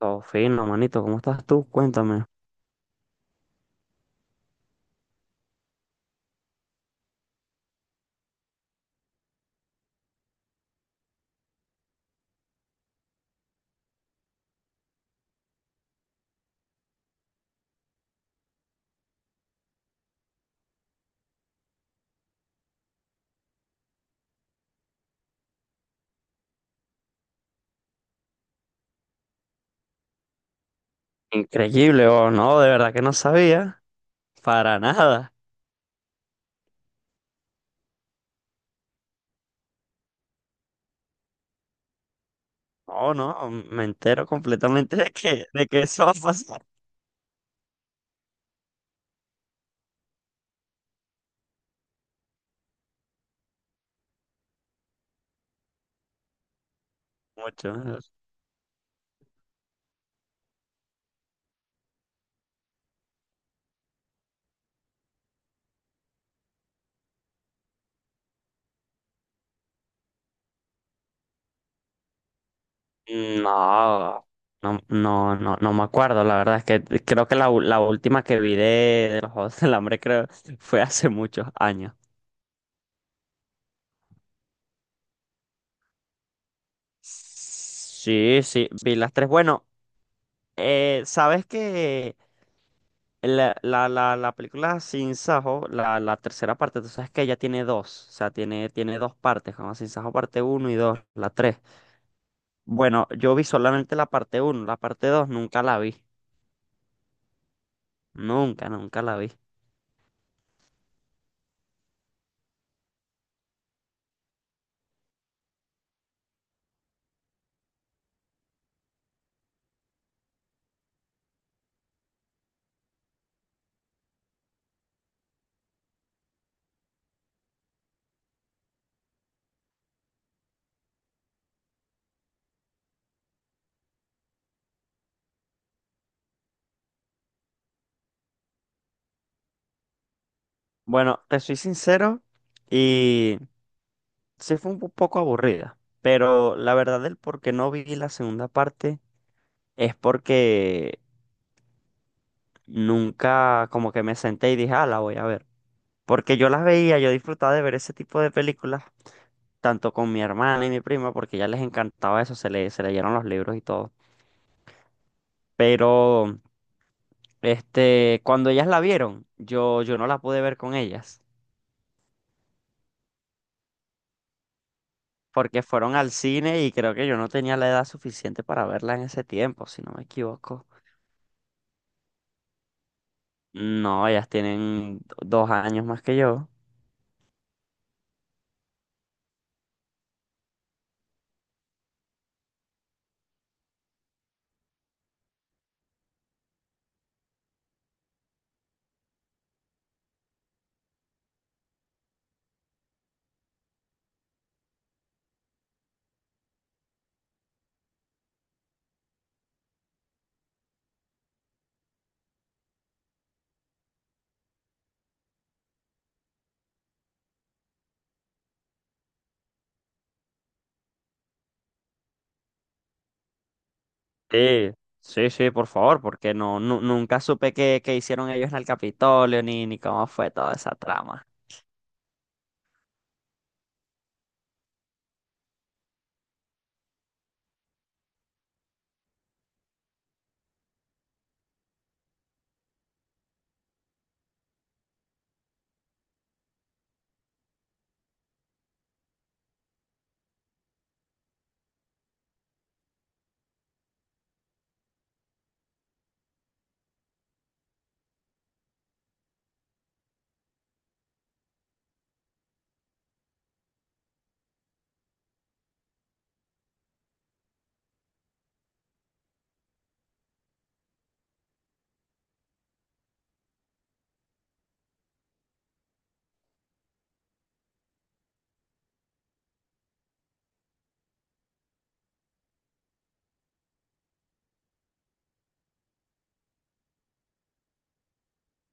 Todo fino, manito. ¿Cómo estás tú? Cuéntame. Increíble, oh, no, de verdad que no sabía. Para nada. No, no, me entero completamente de que eso va a pasar. Mucho. No, no, me acuerdo. La verdad es que creo que la última que vi de los Juegos del Hambre creo fue hace muchos años. Sí, sí, vi las tres. Bueno, ¿sabes que la película Sin Sajo, la tercera parte, tú sabes que ella tiene dos, o sea, tiene dos partes, como Sin Sajo parte uno y 2 la tres? Bueno, yo vi solamente la parte uno, la parte 2 nunca la vi, nunca la vi. Bueno, te soy sincero y sí fue un poco aburrida, pero la verdad del por qué no vi la segunda parte es porque nunca como que me senté y dije, ah, la voy a ver. Porque yo las veía, yo disfrutaba de ver ese tipo de películas tanto con mi hermana y mi prima, porque ya les encantaba eso, se leyeron los libros y todo. Pero, cuando ellas la vieron, yo no la pude ver con ellas, porque fueron al cine y creo que yo no tenía la edad suficiente para verla en ese tiempo, si no me equivoco. No, ellas tienen dos años más que yo. Sí, sí, sí, por favor, porque no, nunca supe qué, qué hicieron ellos en el Capitolio, ni cómo fue toda esa trama.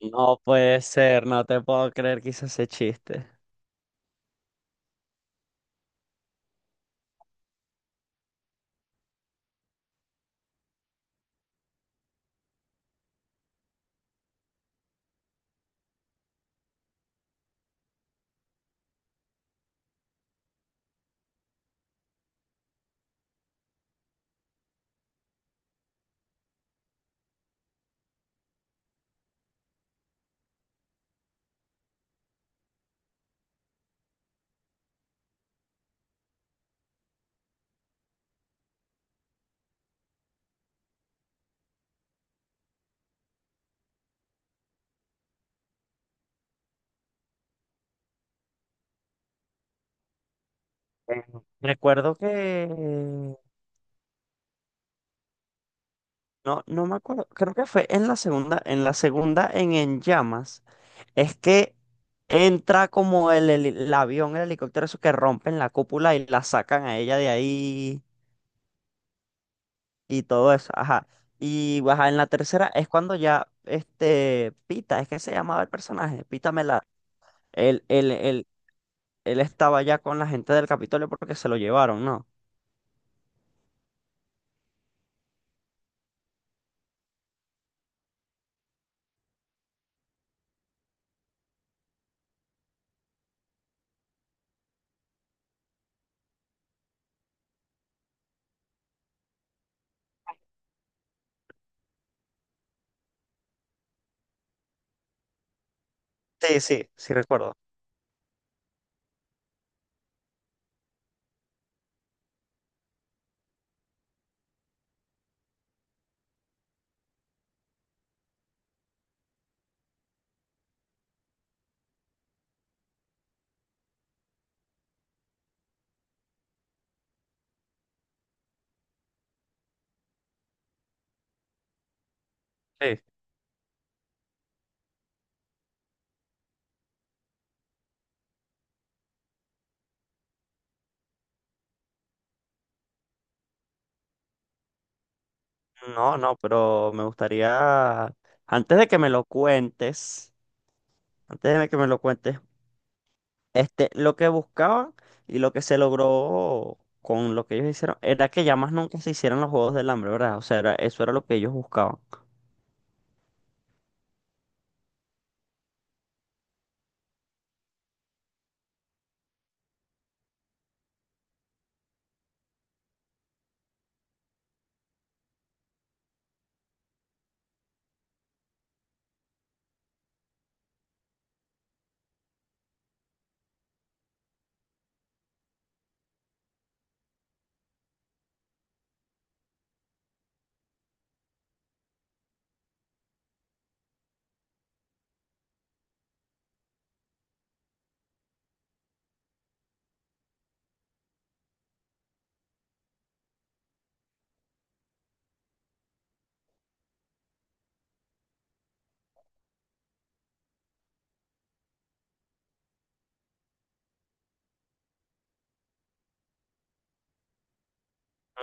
No puede ser, no te puedo creer que hice ese chiste. Eh, Recuerdo que no, no me acuerdo, creo que fue en la segunda, en la segunda, en Llamas, es que entra como el avión, el helicóptero, eso que rompen la cúpula y la sacan a ella de ahí y todo eso, ajá. Y pues, ajá, en la tercera es cuando ya este Pita, es que se llamaba el personaje, Pita Melá, él, él, él, él estaba ya con la gente del Capitolio porque se lo llevaron, ¿no? Sí, sí, sí recuerdo. No, no, pero me gustaría, antes de que me lo cuentes, antes de que me lo cuentes, este, lo que buscaban y lo que se logró con lo que ellos hicieron era que ya más nunca se hicieran los Juegos del Hambre, ¿verdad? O sea, era, eso era lo que ellos buscaban.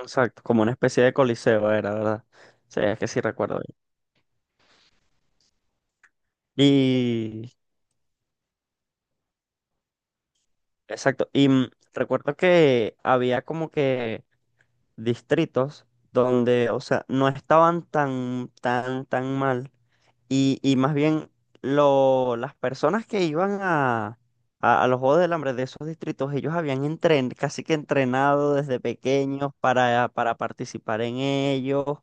Exacto, como una especie de coliseo era, ¿verdad? Sí, es que sí recuerdo bien. Y exacto, y mm, recuerdo que había como que distritos donde, o sea, no estaban tan mal. Y más bien, lo, las personas que iban a, a los Juegos del Hambre de esos distritos, ellos habían entren, casi que entrenado desde pequeños para participar en ellos,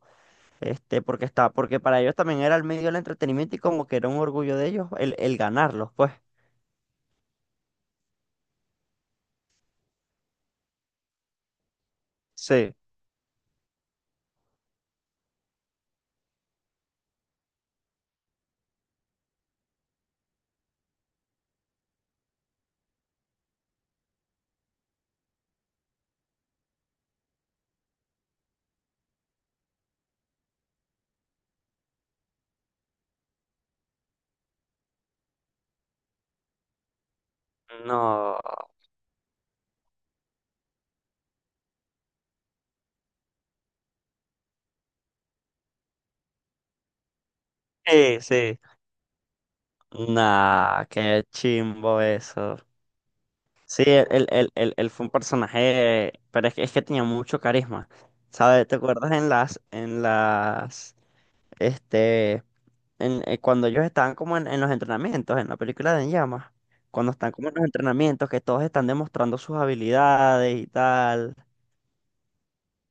este, porque está, porque para ellos también era el medio del entretenimiento y como que era un orgullo de ellos el ganarlos, pues. Sí. No. Sí, sí. Nah, qué chimbo eso. Sí, él fue un personaje, pero es que tenía mucho carisma, ¿sabes? ¿Te acuerdas en en las, este, en, cuando ellos estaban como en los entrenamientos, en la película de En Llamas, cuando están como en los entrenamientos, que todos están demostrando sus habilidades y tal?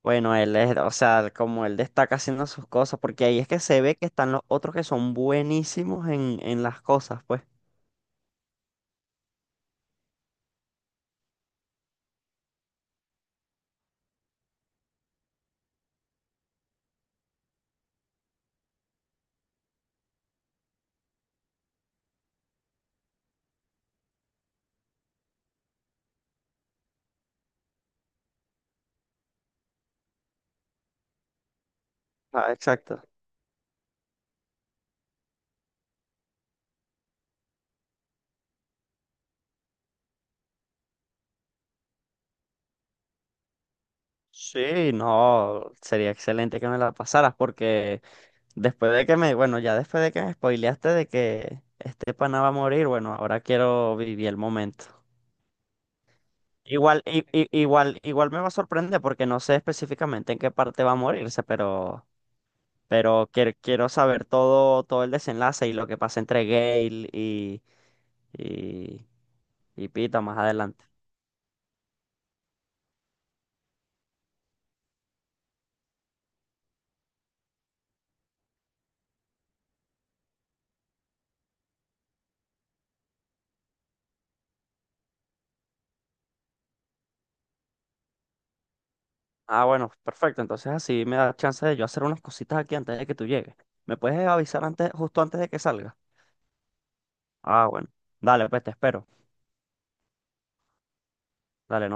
Bueno, él es, o sea, como él destaca haciendo sus cosas, porque ahí es que se ve que están los otros que son buenísimos en las cosas, pues. Ah, exacto. Sí, no, sería excelente que me la pasaras porque después de que me, bueno, ya después de que me spoileaste de que este pana va a morir, bueno, ahora quiero vivir el momento. Igual, igual, igual me va a sorprender porque no sé específicamente en qué parte va a morirse, pero quiero, quiero saber todo, todo el desenlace y lo que pasa entre Gale y, y Pita más adelante. Ah, bueno, perfecto. Entonces así me da chance de yo hacer unas cositas aquí antes de que tú llegues. ¿Me puedes avisar antes, justo antes de que salga? Ah, bueno. Dale, pues te espero. Dale.